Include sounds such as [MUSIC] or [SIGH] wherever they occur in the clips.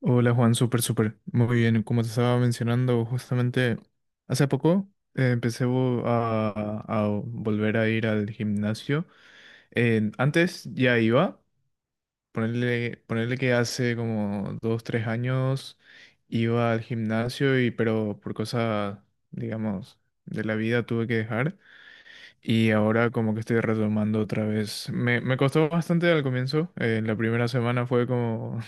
Hola Juan, súper, súper. Muy bien, como te estaba mencionando, justamente hace poco empecé a volver a ir al gimnasio. Antes ya iba, ponerle que hace como 2, 3 años iba al gimnasio, pero por cosas, digamos, de la vida tuve que dejar. Y ahora como que estoy retomando otra vez. Me costó bastante al comienzo. La primera semana fue como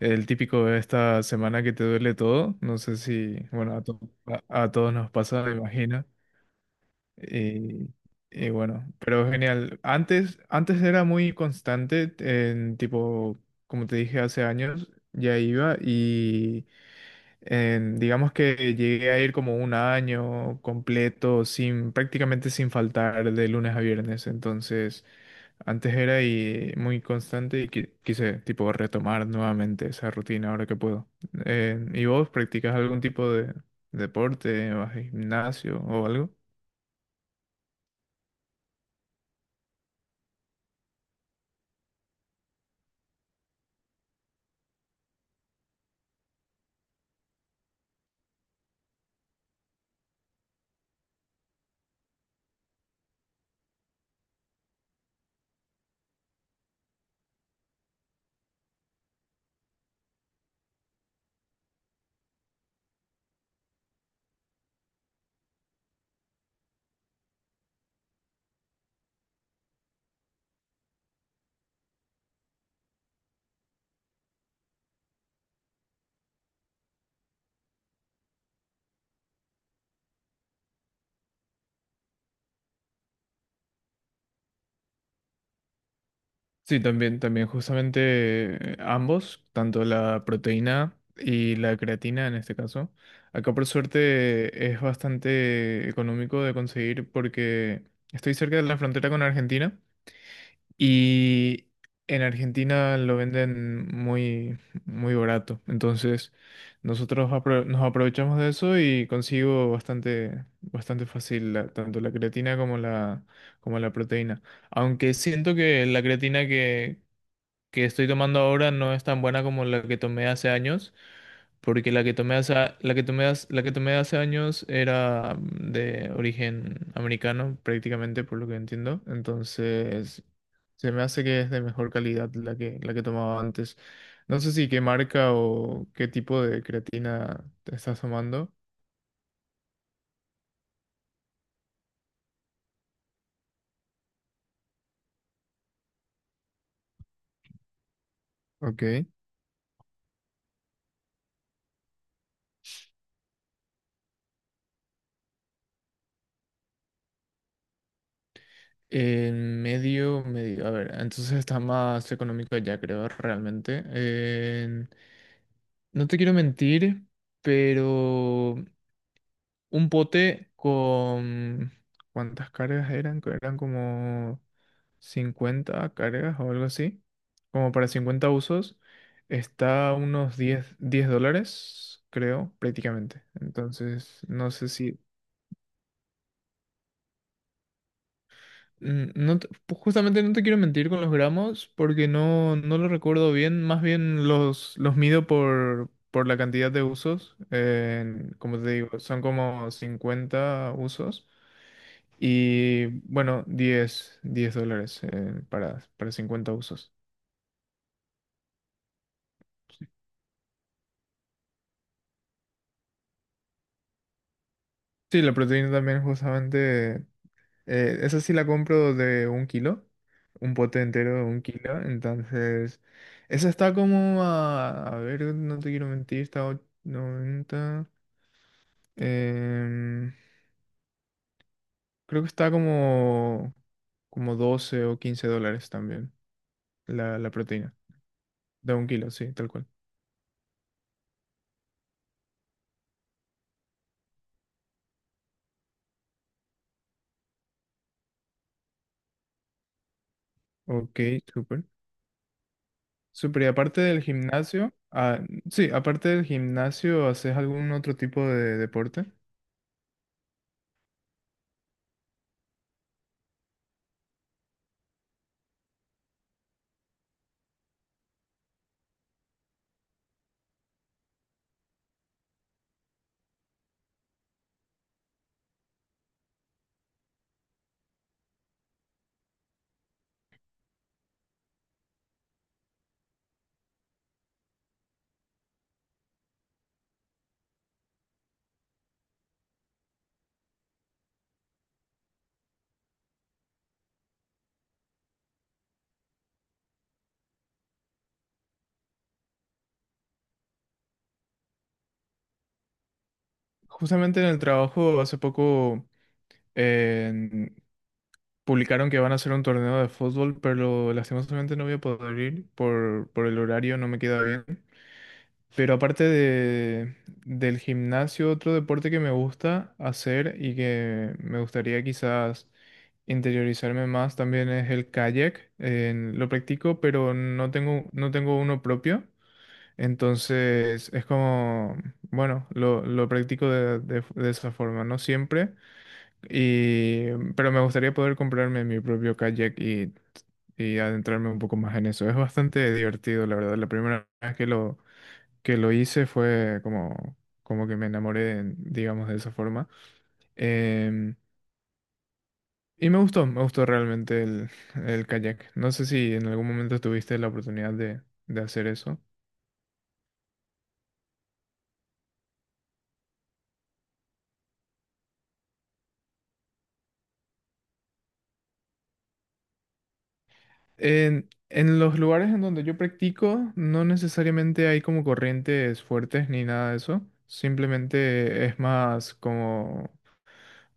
el típico de esta semana que te duele todo, no sé si, bueno, a todos nos pasa, me imagino. Y, y bueno, pero genial. Antes era muy constante, en tipo, como te dije hace años, ya iba y digamos que llegué a ir como un año completo, sin, prácticamente sin faltar de lunes a viernes. Entonces, antes era y muy constante y quise tipo retomar nuevamente esa rutina ahora que puedo. ¿Y vos practicas algún tipo de deporte, vas al gimnasio o algo? Sí, también, también, justamente ambos, tanto la proteína y la creatina en este caso. Acá por suerte es bastante económico de conseguir porque estoy cerca de la frontera con Argentina y en Argentina lo venden muy, muy barato. Entonces nosotros nos aprovechamos de eso y consigo bastante, bastante fácil tanto la creatina como la proteína. Aunque siento que la creatina que estoy tomando ahora no es tan buena como la que tomé hace años, porque la que tomé hace años era de origen americano, prácticamente, por lo que entiendo. Entonces, se me hace que es de mejor calidad la que tomaba antes. No sé si qué marca o qué tipo de creatina te estás tomando. Ok. En medio, a ver, entonces está más económico ya creo realmente. No te quiero mentir, pero un pote con. ¿Cuántas cargas eran? Que Eran como 50 cargas o algo así. Como para 50 usos. Está a unos 10 dólares, creo, prácticamente. Entonces, no sé si. Justamente no te quiero mentir con los gramos porque no lo recuerdo bien. Más bien los mido por la cantidad de usos. Como te digo, son como 50 usos. Y bueno, 10 dólares para 50 usos. Sí, la proteína también justamente esa sí la compro de un kilo, un pote entero de un kilo. Entonces, esa está como a ver, no te quiero mentir, está a 90. em, Creo que está como 12 o 15 dólares también la proteína de un kilo, sí, tal cual. Ok, súper. Súper, y aparte del gimnasio, ah, sí, aparte del gimnasio, ¿haces algún otro tipo de deporte? Justamente en el trabajo hace poco publicaron que van a hacer un torneo de fútbol, pero lastimosamente no voy a poder ir por el horario, no me queda bien. Pero aparte del gimnasio, otro deporte que me gusta hacer y que me gustaría quizás interiorizarme más también es el kayak. Lo practico, pero no tengo uno propio. Entonces es como, bueno, lo practico de esa forma, no siempre. Y, pero me gustaría poder comprarme mi propio kayak y adentrarme un poco más en eso. Es bastante divertido, la verdad. La primera vez que lo hice fue como que me enamoré, digamos, de esa forma. Em, y me gustó realmente el kayak. No sé si en algún momento tuviste la oportunidad de hacer eso. En los lugares en donde yo practico, no necesariamente hay como corrientes fuertes ni nada de eso. Simplemente es más como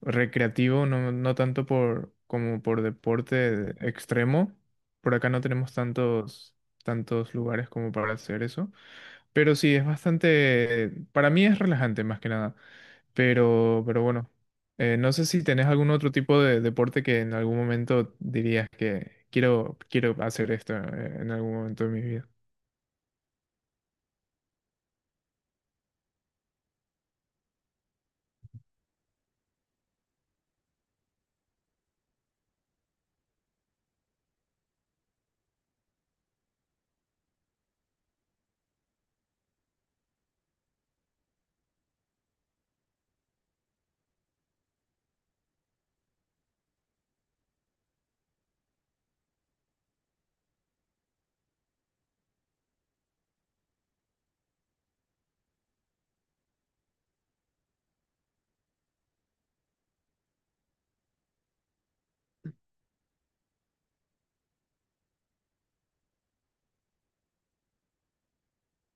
recreativo, no tanto como por deporte extremo. Por acá no tenemos tantos lugares como para hacer eso. Pero sí, es bastante, para mí es relajante más que nada. Pero bueno, no sé si tenés algún otro tipo de deporte que en algún momento dirías que quiero hacer esto en algún momento de mi vida.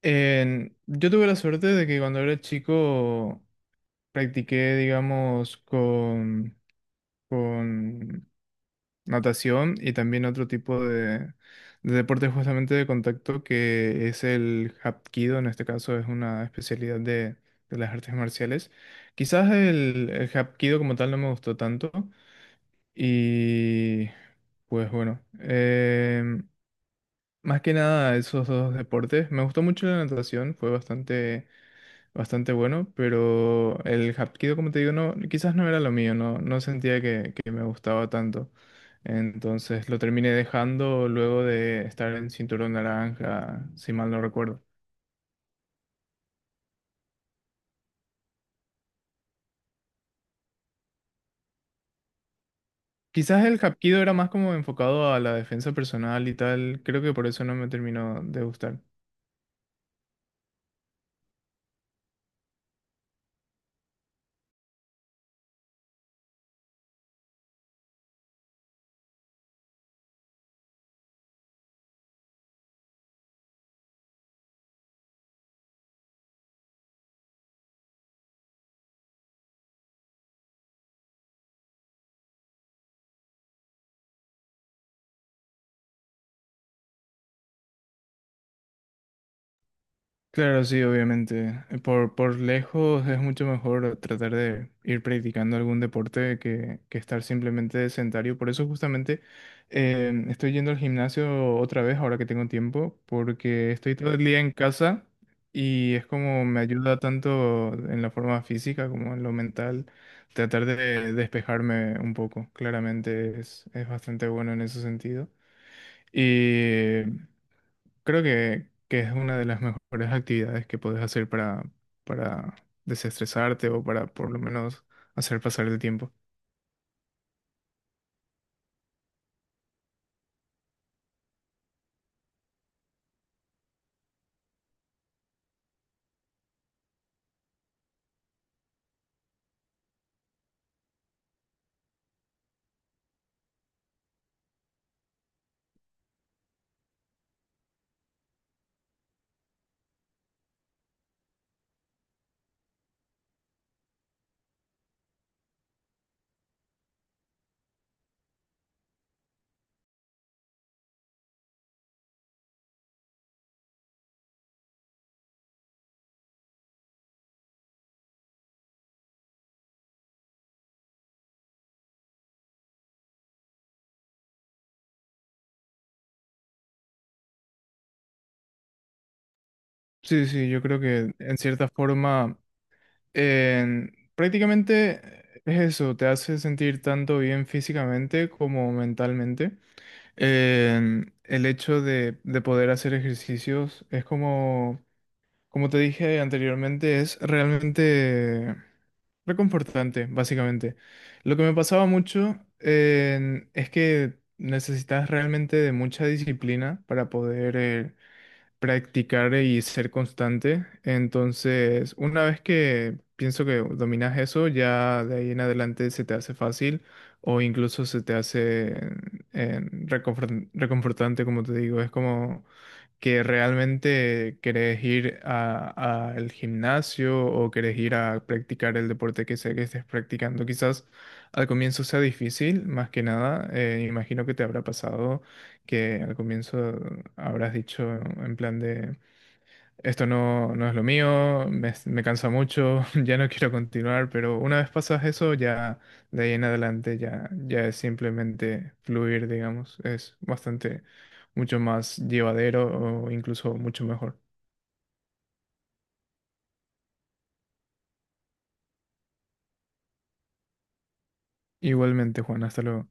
Yo tuve la suerte de que cuando era chico practiqué, digamos, con natación y también otro tipo de deporte justamente de contacto que es el Hapkido, en este caso es una especialidad de las artes marciales. Quizás el Hapkido como tal no me gustó tanto y pues bueno, más que nada esos dos deportes. Me gustó mucho la natación, fue bastante bastante bueno, pero el Hapkido, como te digo, no, quizás no era lo mío, no sentía que me gustaba tanto. Entonces lo terminé dejando luego de estar en cinturón naranja, si mal no recuerdo. Quizás el Hapkido era más como enfocado a la defensa personal y tal, creo que por eso no me terminó de gustar. Claro, sí, obviamente. Por lejos es mucho mejor tratar de ir practicando algún deporte que estar simplemente sedentario. Por eso justamente estoy yendo al gimnasio otra vez ahora que tengo tiempo, porque estoy todo el día en casa y es como me ayuda tanto en la forma física como en lo mental tratar de despejarme un poco. Claramente es bastante bueno en ese sentido. Creo que es una de las mejores actividades que puedes hacer para desestresarte o para por lo menos hacer pasar el tiempo. Sí, sí, yo creo que en cierta forma prácticamente es eso, te hace sentir tanto bien físicamente como mentalmente. En el hecho de poder hacer ejercicios es como te dije anteriormente, es realmente reconfortante, básicamente. Lo que me pasaba mucho es que necesitas realmente de mucha disciplina para poder practicar y ser constante. Entonces, una vez que pienso que dominas eso, ya de ahí en adelante se te hace fácil o incluso se te hace eh, reconfortante, como te digo. Es como que realmente querés ir al gimnasio o querés ir a practicar el deporte que sea que estés practicando. Quizás al comienzo sea difícil, más que nada. Imagino que te habrá pasado que al comienzo habrás dicho en plan de, esto no es lo mío, me cansa mucho, [LAUGHS] ya no quiero continuar, pero una vez pasas eso, ya de ahí en adelante ya es simplemente fluir, digamos, es bastante mucho más llevadero o incluso mucho mejor. Igualmente, Juan, hasta luego.